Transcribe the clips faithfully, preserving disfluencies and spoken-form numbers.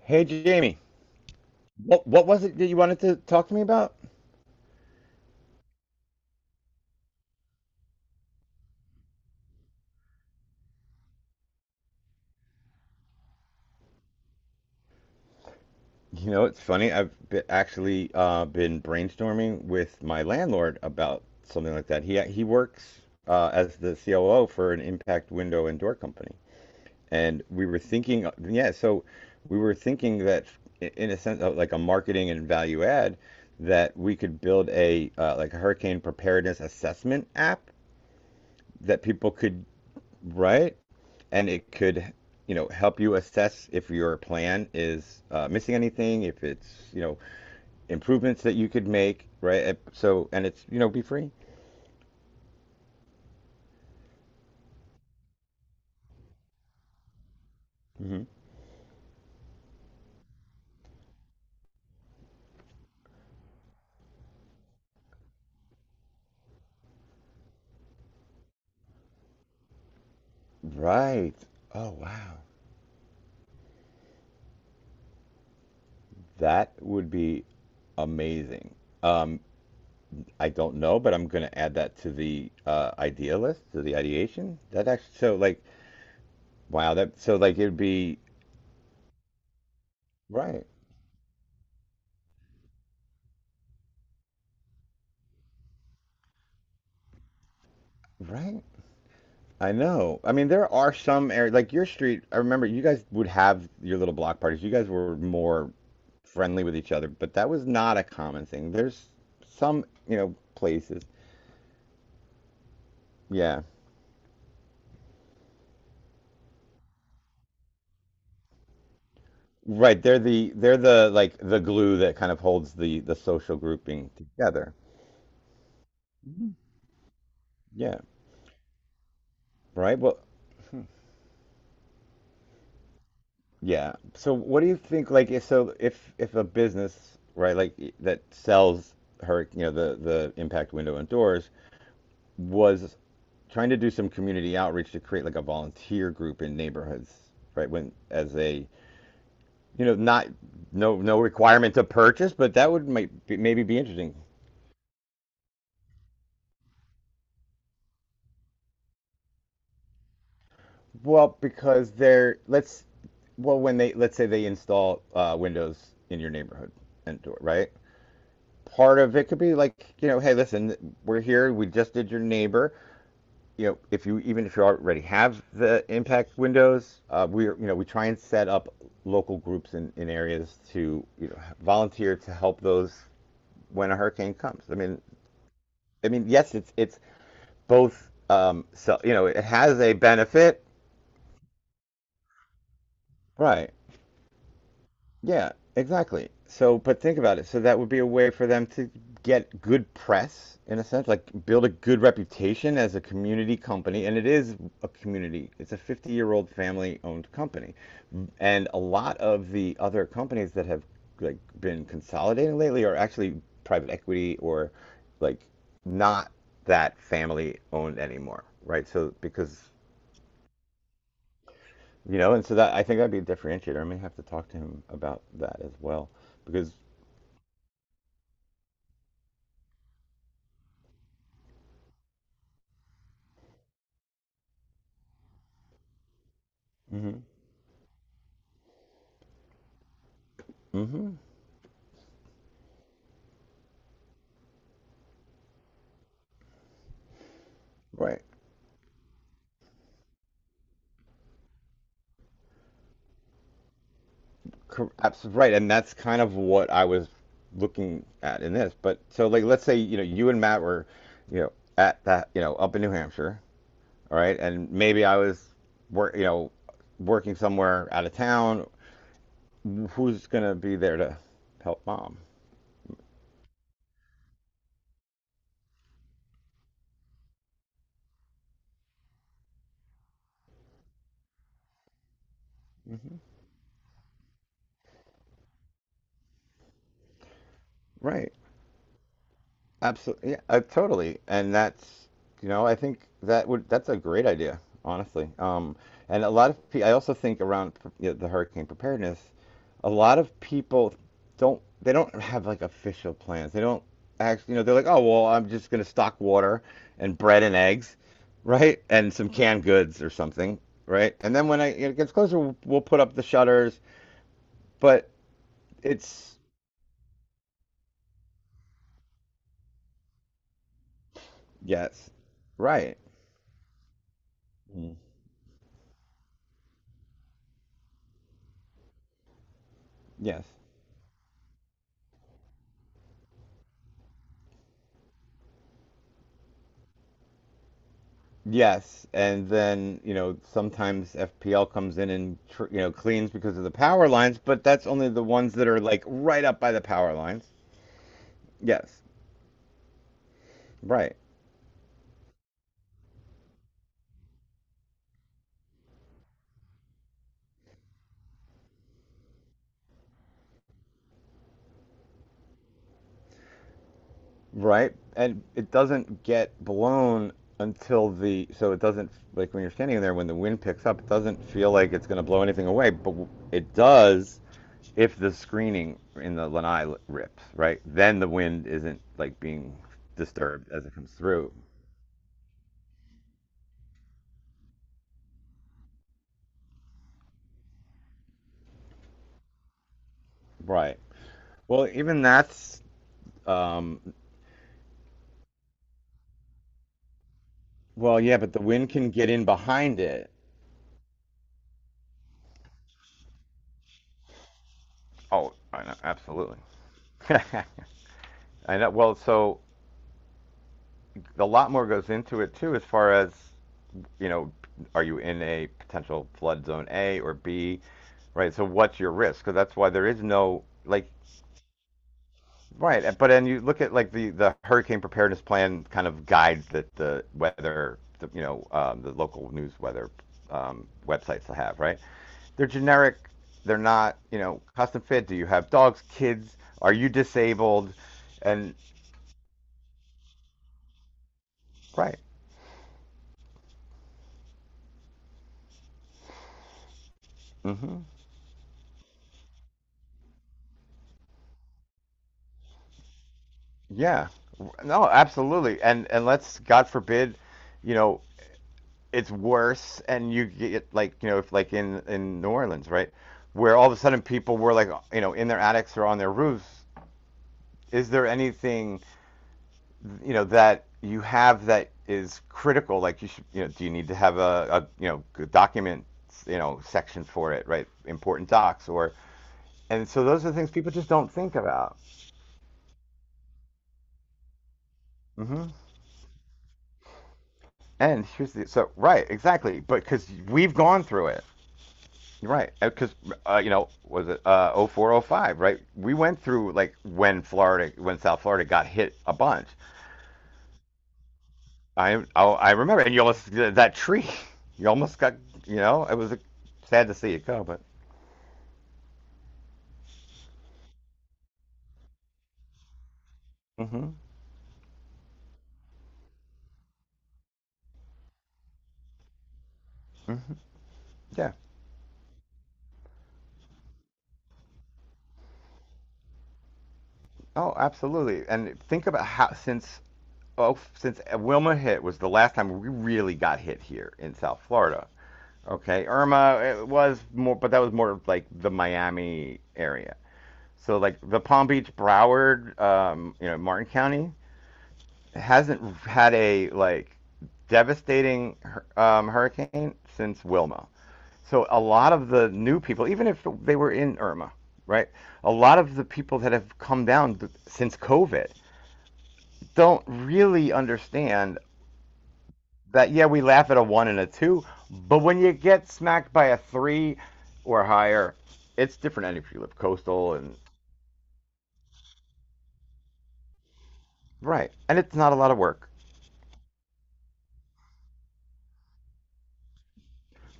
Hey Jamie, what what was it that you wanted to talk to me about? You know, it's funny. I've be actually uh, been brainstorming with my landlord about something like that. He he works uh, as the C O O for an impact window and door company, and we were thinking, yeah, so we were thinking that i- in a sense of like a marketing and value add, that we could build a uh, like a hurricane preparedness assessment app that people could, right? And it could you know help you assess if your plan is uh, missing anything, if it's you know improvements that you could make, right Uh, so and it's you know be free. Hmm. Right. Oh wow, that would be amazing. Um i don't know, but I'm going to add that to the uh, idea list, to the ideation that, actually so like, wow, that so like it would be, right. Right. I know. I mean, there are some areas like your street. I remember you guys would have your little block parties. You guys were more friendly with each other, but that was not a common thing. There's some, you know, places. Yeah. Right. They're the they're the like the glue that kind of holds the the social grouping together. Yeah. Right. Well, yeah. So what do you think like, if so if if a business, right, like that sells, her, you know, the the impact window and doors, was trying to do some community outreach to create like a volunteer group in neighborhoods, right? When as a, you know not no no requirement to purchase, but that would, might be, maybe be interesting. Well, because they're, let's, well, when they, let's say they install uh, windows in your neighborhood and door, right? Part of it could be like, you know hey listen, we're here, we just did your neighbor, you know, if you, even if you already have the impact windows, uh, we, you know we try and set up local groups in, in areas to you know volunteer to help those when a hurricane comes. I mean, I mean yes, it's it's both. Um, so you know, it has a benefit, right? Yeah, exactly. So, but think about it. So that would be a way for them to get good press, in a sense, like build a good reputation as a community company. And it is a community. It's a fifty-year-old family-owned company. And a lot of the other companies that have like been consolidating lately are actually private equity, or like, not that family-owned anymore, right? So because, you know, and so, that I think that'd be a differentiator. I may have to talk to him about that as well because, hmm. Right. Cor- abs- Right. And that's kind of what I was looking at in this. But so, like, let's say, you know, you and Matt were, you know, at that, you know, up in New Hampshire. All right. And maybe I was work, you know, working somewhere out of town. Who's going to be there to help mom? Right. Absolutely. Yeah, uh, totally. And that's, you know, I think that would, that's a great idea, honestly. Um, and a lot of, pe- I also think around, you know, the hurricane preparedness, a lot of people don't they don't have like official plans. They don't actually, you know, they're like, "Oh, well, I'm just going to stock water and bread and eggs, right? And some canned goods or something, right? And then when I, it gets closer, we'll, we'll, put up the shutters, but it's, yes. Right. Mm. Yes. Yes. And then, you know, sometimes F P L comes in and, tr you know, cleans because of the power lines, but that's only the ones that are like right up by the power lines. Yes. Right. Right? And it doesn't get blown until the, so it doesn't, like when you're standing in there, when the wind picks up, it doesn't feel like it's going to blow anything away, but it does if the screening in the lanai rips, right? Then the wind isn't like being disturbed as it comes through. Right. Well, even that's, um, well, yeah, but the wind can get in behind it. Oh, I know, absolutely. I know. Well, so a lot more goes into it too, as far as, you know, are you in a potential flood zone A or B, right? So what's your risk? Because that's why there is no like, right. But then you look at like the the hurricane preparedness plan kind of guides that the weather, the, you know, um, the local news weather um, websites will have, right? They're generic. They're not, you know, custom fit. Do you have dogs, kids? Are you disabled? And right. Hmm. Yeah. No, absolutely. And and let's, God forbid, you know, it's worse and you get like, you know, if like in in New Orleans, right, where all of a sudden people were like, you know, in their attics or on their roofs, is there anything, you know, that you have that is critical, like you should, you know, do you need to have a, a, you know, document, you know, section for it, right, important docs, or, and so those are the things people just don't think about. Mm hmm and here's the, so right, exactly, but because we've gone through it. Right, because uh, you know, was it uh, oh 04, oh five? Right, we went through like when Florida, when South Florida got hit a bunch. I I, I remember, and you almost that tree, you almost got, you know, it was uh, sad to see it go, but, hmm, yeah, oh, absolutely. And think about how since oh since Wilma hit was the last time we really got hit here in South Florida. Okay, Irma, it was more, but that was more of, like, the Miami area. So like the Palm Beach, Broward, um, you know, Martin County hasn't had a like devastating um, hurricane since Wilma. So a lot of the new people, even if they were in Irma, right? A lot of the people that have come down since COVID don't really understand that. Yeah, we laugh at a one and a two, but when you get smacked by a three or higher, it's different. And if you live coastal, and right, and it's not a lot of work,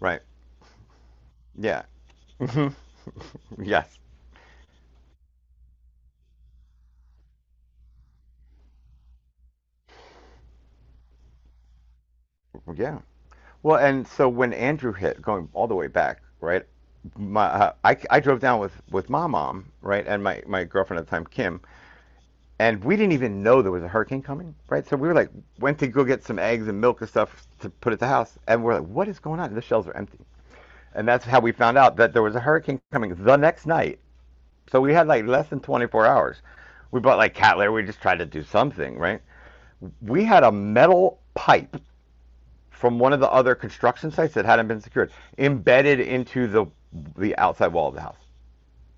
right? Yeah. Mhm. Yes. Yeah. Well, and so when Andrew hit, going all the way back, right? My uh, I, I drove down with with my mom, right, and my my girlfriend at the time, Kim, and we didn't even know there was a hurricane coming, right? So we were like, went to go get some eggs and milk and stuff to put at the house, and we're like, what is going on? The shelves are empty, and that's how we found out that there was a hurricane coming the next night. So we had like less than twenty-four hours. We bought like cat litter. We just tried to do something, right? We had a metal pipe from one of the other construction sites that hadn't been secured, embedded into the the outside wall of the house.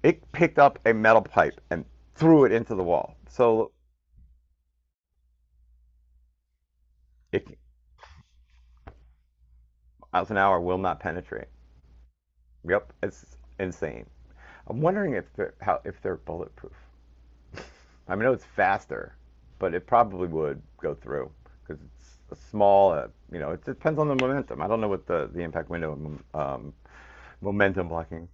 It picked up a metal pipe and threw it into the wall. So it, miles an hour will not penetrate. Yep, it's insane. I'm wondering if they're how if they're bulletproof. I mean, I know it's faster, but it probably would go through because it's a small. Uh, you know, it depends on the momentum. I don't know what the the impact window, um, momentum blocking.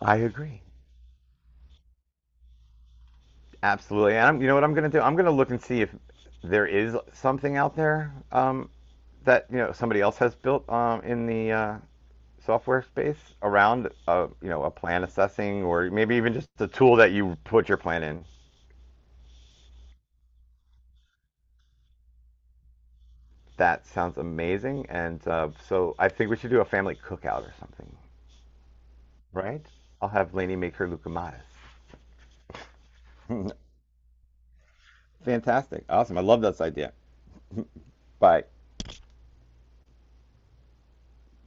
I agree. Absolutely. And I'm, you know what I'm going to do? I'm going to look and see if there is something out there, um, that, you know, somebody else has built um, in the uh, software space around a, you know, a plan assessing, or maybe even just a tool that you put your plan in. That sounds amazing. And uh, so I think we should do a family cookout or something, right? I'll have Lainey make her lucamadas. Fantastic. Awesome. I love this idea. Bye.